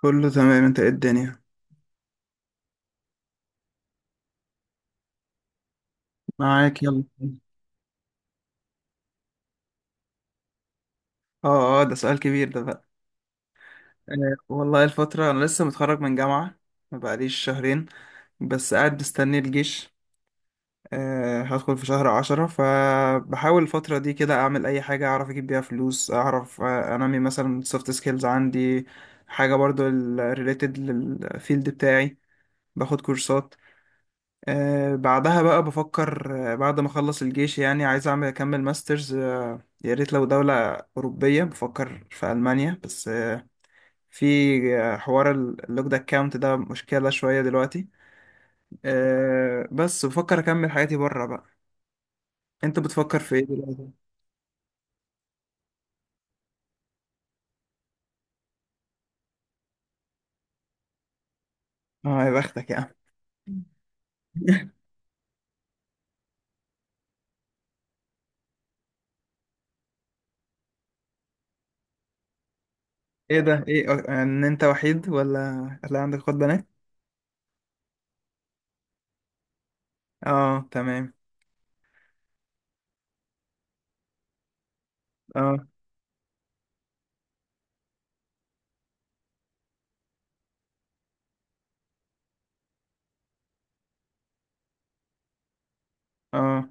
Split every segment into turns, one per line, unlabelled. كله تمام، انت ايه الدنيا؟ معاك، يلا. اه اه ده سؤال كبير ده بقى. آه والله الفترة انا لسه متخرج من جامعة، ما بقاليش شهرين، بس قاعد مستني الجيش. هدخل في شهر 10، فبحاول الفترة دي كده اعمل اي حاجة اعرف اجيب بيها فلوس، اعرف انمي مثلا سوفت سكيلز عندي، حاجة برضو ريليتد للفيلد بتاعي، باخد كورسات. بعدها بقى بفكر بعد ما اخلص الجيش، يعني عايز اعمل اكمل ماسترز. يا ريت لو دولة أوروبية، بفكر في ألمانيا، بس آه، في آه، حوار اللوك ده اكاونت ده مشكلة شوية دلوقتي. بس بفكر اكمل حياتي بره بقى. انت بتفكر في ايه دلوقتي؟ اه يا بختك يا عم. ايه ده؟ ايه آه، ان انت وحيد ولا هتلاقي عندك اخوات بنات؟ اه تمام. اه اه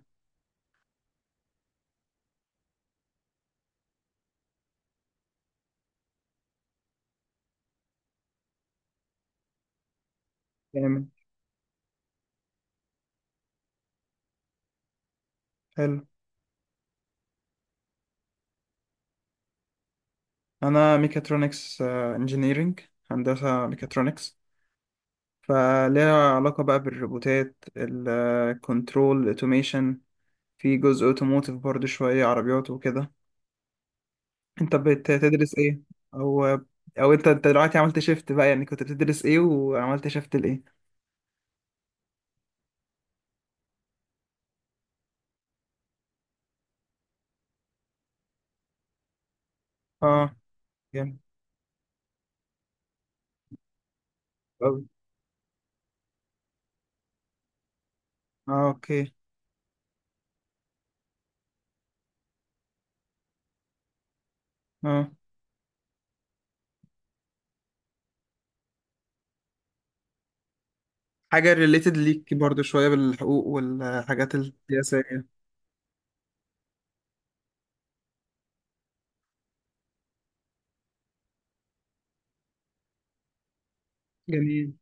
تمام. حلو. انا ميكاترونكس انجينيرينج، هندسه ميكاترونكس، فليها علاقه بقى بالروبوتات، الكنترول، الاوتوميشن، في جزء اوتوموتيف برضو، شويه عربيات وكده. انت بتدرس ايه؟ او او انت أنت دلوقتي عملت شيفت بقى، يعني كنت بتدرس ايه وعملت شيفت لايه؟ اه جامد أوي. اه اوكي. اه. حاجه ريليتد ليك برضو شويه، بالحقوق والحاجات السياسيه. جميل.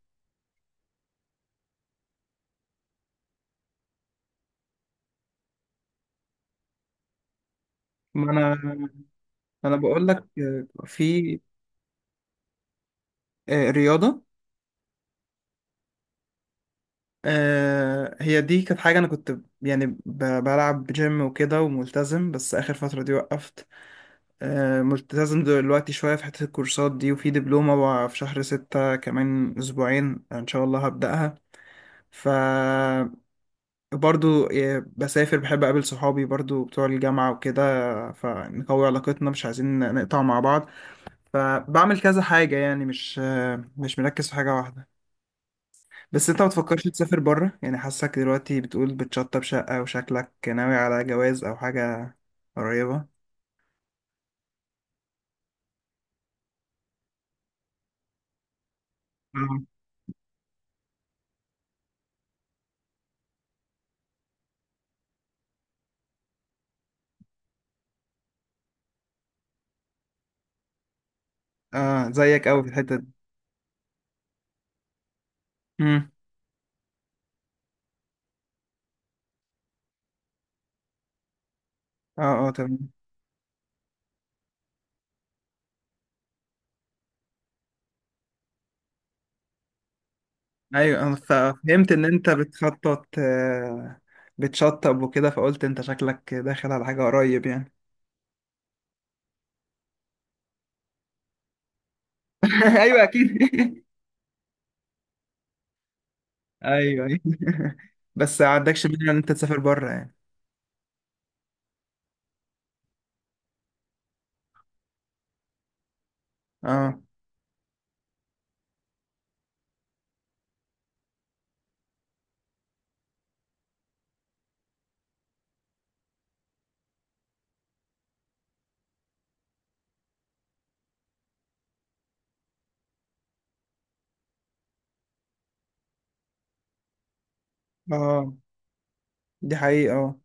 ما انا انا بقول لك آه، في آه، رياضه. آه، هي دي كانت حاجة أنا كنت يعني بلعب جيم وكده وملتزم، بس آخر فترة دي وقفت. آه ملتزم دلوقتي شوية في حتة الكورسات دي، وفي دبلومة بقى في شهر 6 كمان أسبوعين، يعني إن شاء الله هبدأها. ف برضو بسافر، بحب أقابل صحابي برضو بتوع الجامعة وكده، فنقوي علاقتنا، مش عايزين نقطع مع بعض. فبعمل كذا حاجة يعني، مش مركز في حاجة واحدة. بس انت ما بتفكرش تسافر بره يعني؟ حاسك دلوقتي بتقول بتشطب شقة، وشكلك ناوي على جواز او حاجة قريبة. مم. اه زيك قوي في الحتة دي. امم. اه اه تمام. ايوه انا ف- فهمت ان انت بتخطط، بتشطب وكده، فقلت انت شكلك داخل على حاجة قريب يعني. ايوه اكيد. ايوه ايوه. بس ما عندكش مانع ان انت تسافر بره يعني. اه. اه دي حقيقة اه.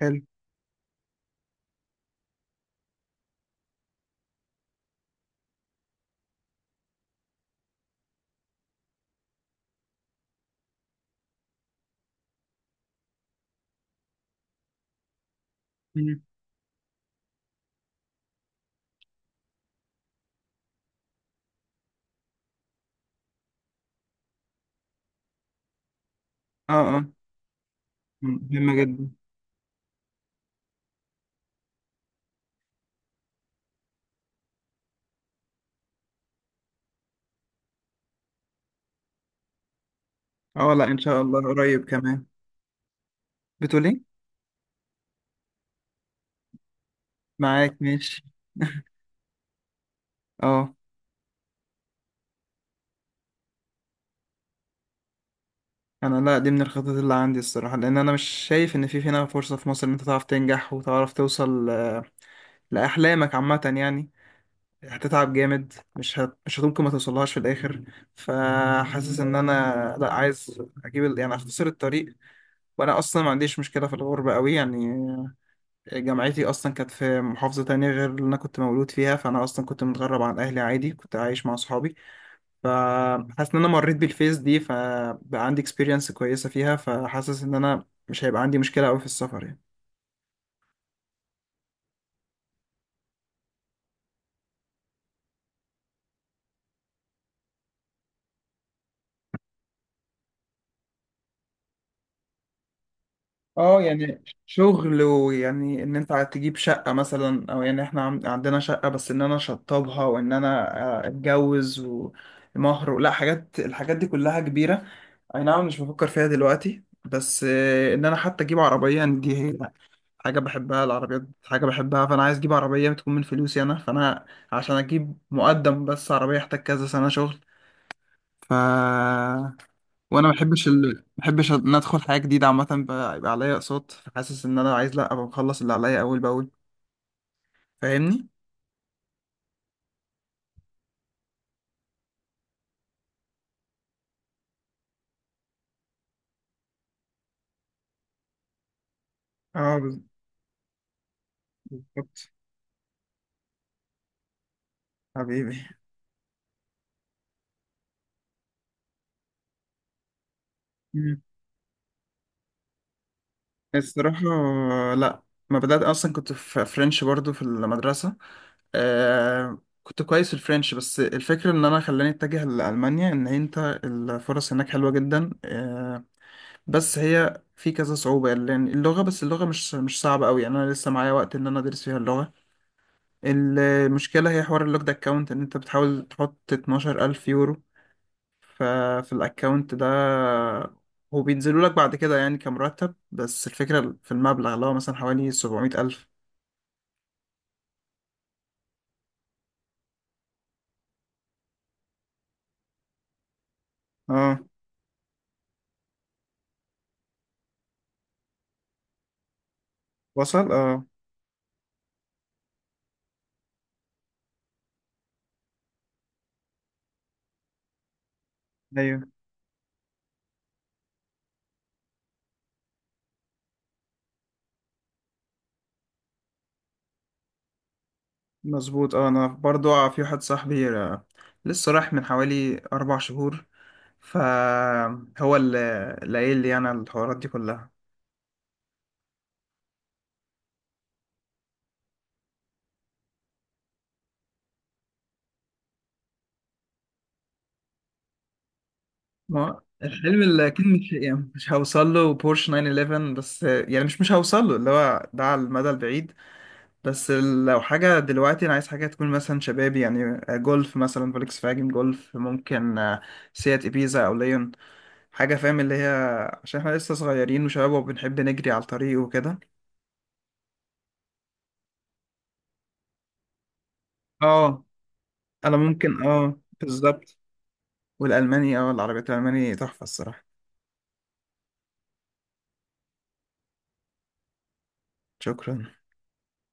حلو. مم. اه اه. مم. مهمة جدا. اه لا ان شاء الله قريب كمان. بتقول ايه؟ معاك ماشي. اه. انا لا، دي من الخطط اللي عندي الصراحه، لان انا مش شايف ان في هنا فرصه في مصر ان انت تعرف تنجح وتعرف توصل لاحلامك عامه يعني. هتتعب جامد، مش ممكن ما توصلهاش في الاخر. فحاسس ان انا لا، يعني اختصر الطريق. وانا اصلا ما عنديش مشكله في الغربه قوي يعني، جامعتي اصلا كانت في محافظه تانية غير اللي انا كنت مولود فيها، فانا اصلا كنت متغرب عن اهلي عادي، كنت عايش مع اصحابي. فحاسس ان انا مريت بالفيز دي، فبقى عندي اكسبيرينس كويسه فيها، فحاسس ان انا مش هيبقى عندي مشكله قوي في السفر يعني. اه يعني شغل، ويعني ان انت تجيب شقه مثلا، او يعني احنا عندنا شقه بس ان انا اشطبها، وان انا اتجوز، ومهر، لا حاجات، الحاجات دي كلها كبيره. اي نعم مش بفكر فيها دلوقتي، بس ان انا حتى اجيب عربيه يعني، دي هي حاجة بحبها، العربيات حاجة بحبها، فأنا عايز أجيب عربية تكون من فلوسي أنا، فأنا عشان أجيب مقدم بس عربية أحتاج كذا سنة شغل. ف وأنا ما بحبش إن أدخل حاجة جديدة عامة يبقى عليا أقساط، فحاسس إن أنا عايز لأ، أبقى مخلص اللي عليا أول بأول. فاهمني؟ اه بالظبط. حبيبي. مم. الصراحة لأ، ما بدأت أصلا، كنت في فرنش برضو في المدرسة. آه كنت كويس في الفرنش، بس الفكرة ان انا خلاني اتجه لألمانيا ان انت الفرص هناك حلوة جدا آه. بس هي في كذا صعوبة، لان اللغة، بس اللغة مش صعبة قوي يعني، انا لسه معايا وقت ان انا ادرس فيها اللغة. المشكلة هي حوار اللوكد اكاونت، ان انت بتحاول تحط 12000 الف يورو ففي الاكاونت ده، هو بينزلوا لك بعد كده يعني كمرتب، بس الفكرة في المبلغ، اللي هو مثلا حوالي 700000 الف. اه وصل اه. مظبوط اه. انا برضو آه، في واحد صاحبي لسه راح من حوالي 4 شهور، فهو اللي قايل لي انا الحوارات دي كلها. ما الحلم اللي اكيد مش هوصل له بورش 911، بس يعني مش هوصل له، اللي هو ده على المدى البعيد. بس لو حاجة دلوقتي، انا عايز حاجة تكون مثلا شبابي يعني، جولف مثلا، فولكس فاجن جولف ممكن، سيات ابيزا او ليون، حاجة فاهم اللي هي، عشان احنا لسه صغيرين وشباب وبنحب نجري على الطريق وكده. اه انا ممكن، اه بالظبط. والالماني اه، العربيات الالماني تحفه الصراحه. شكرا.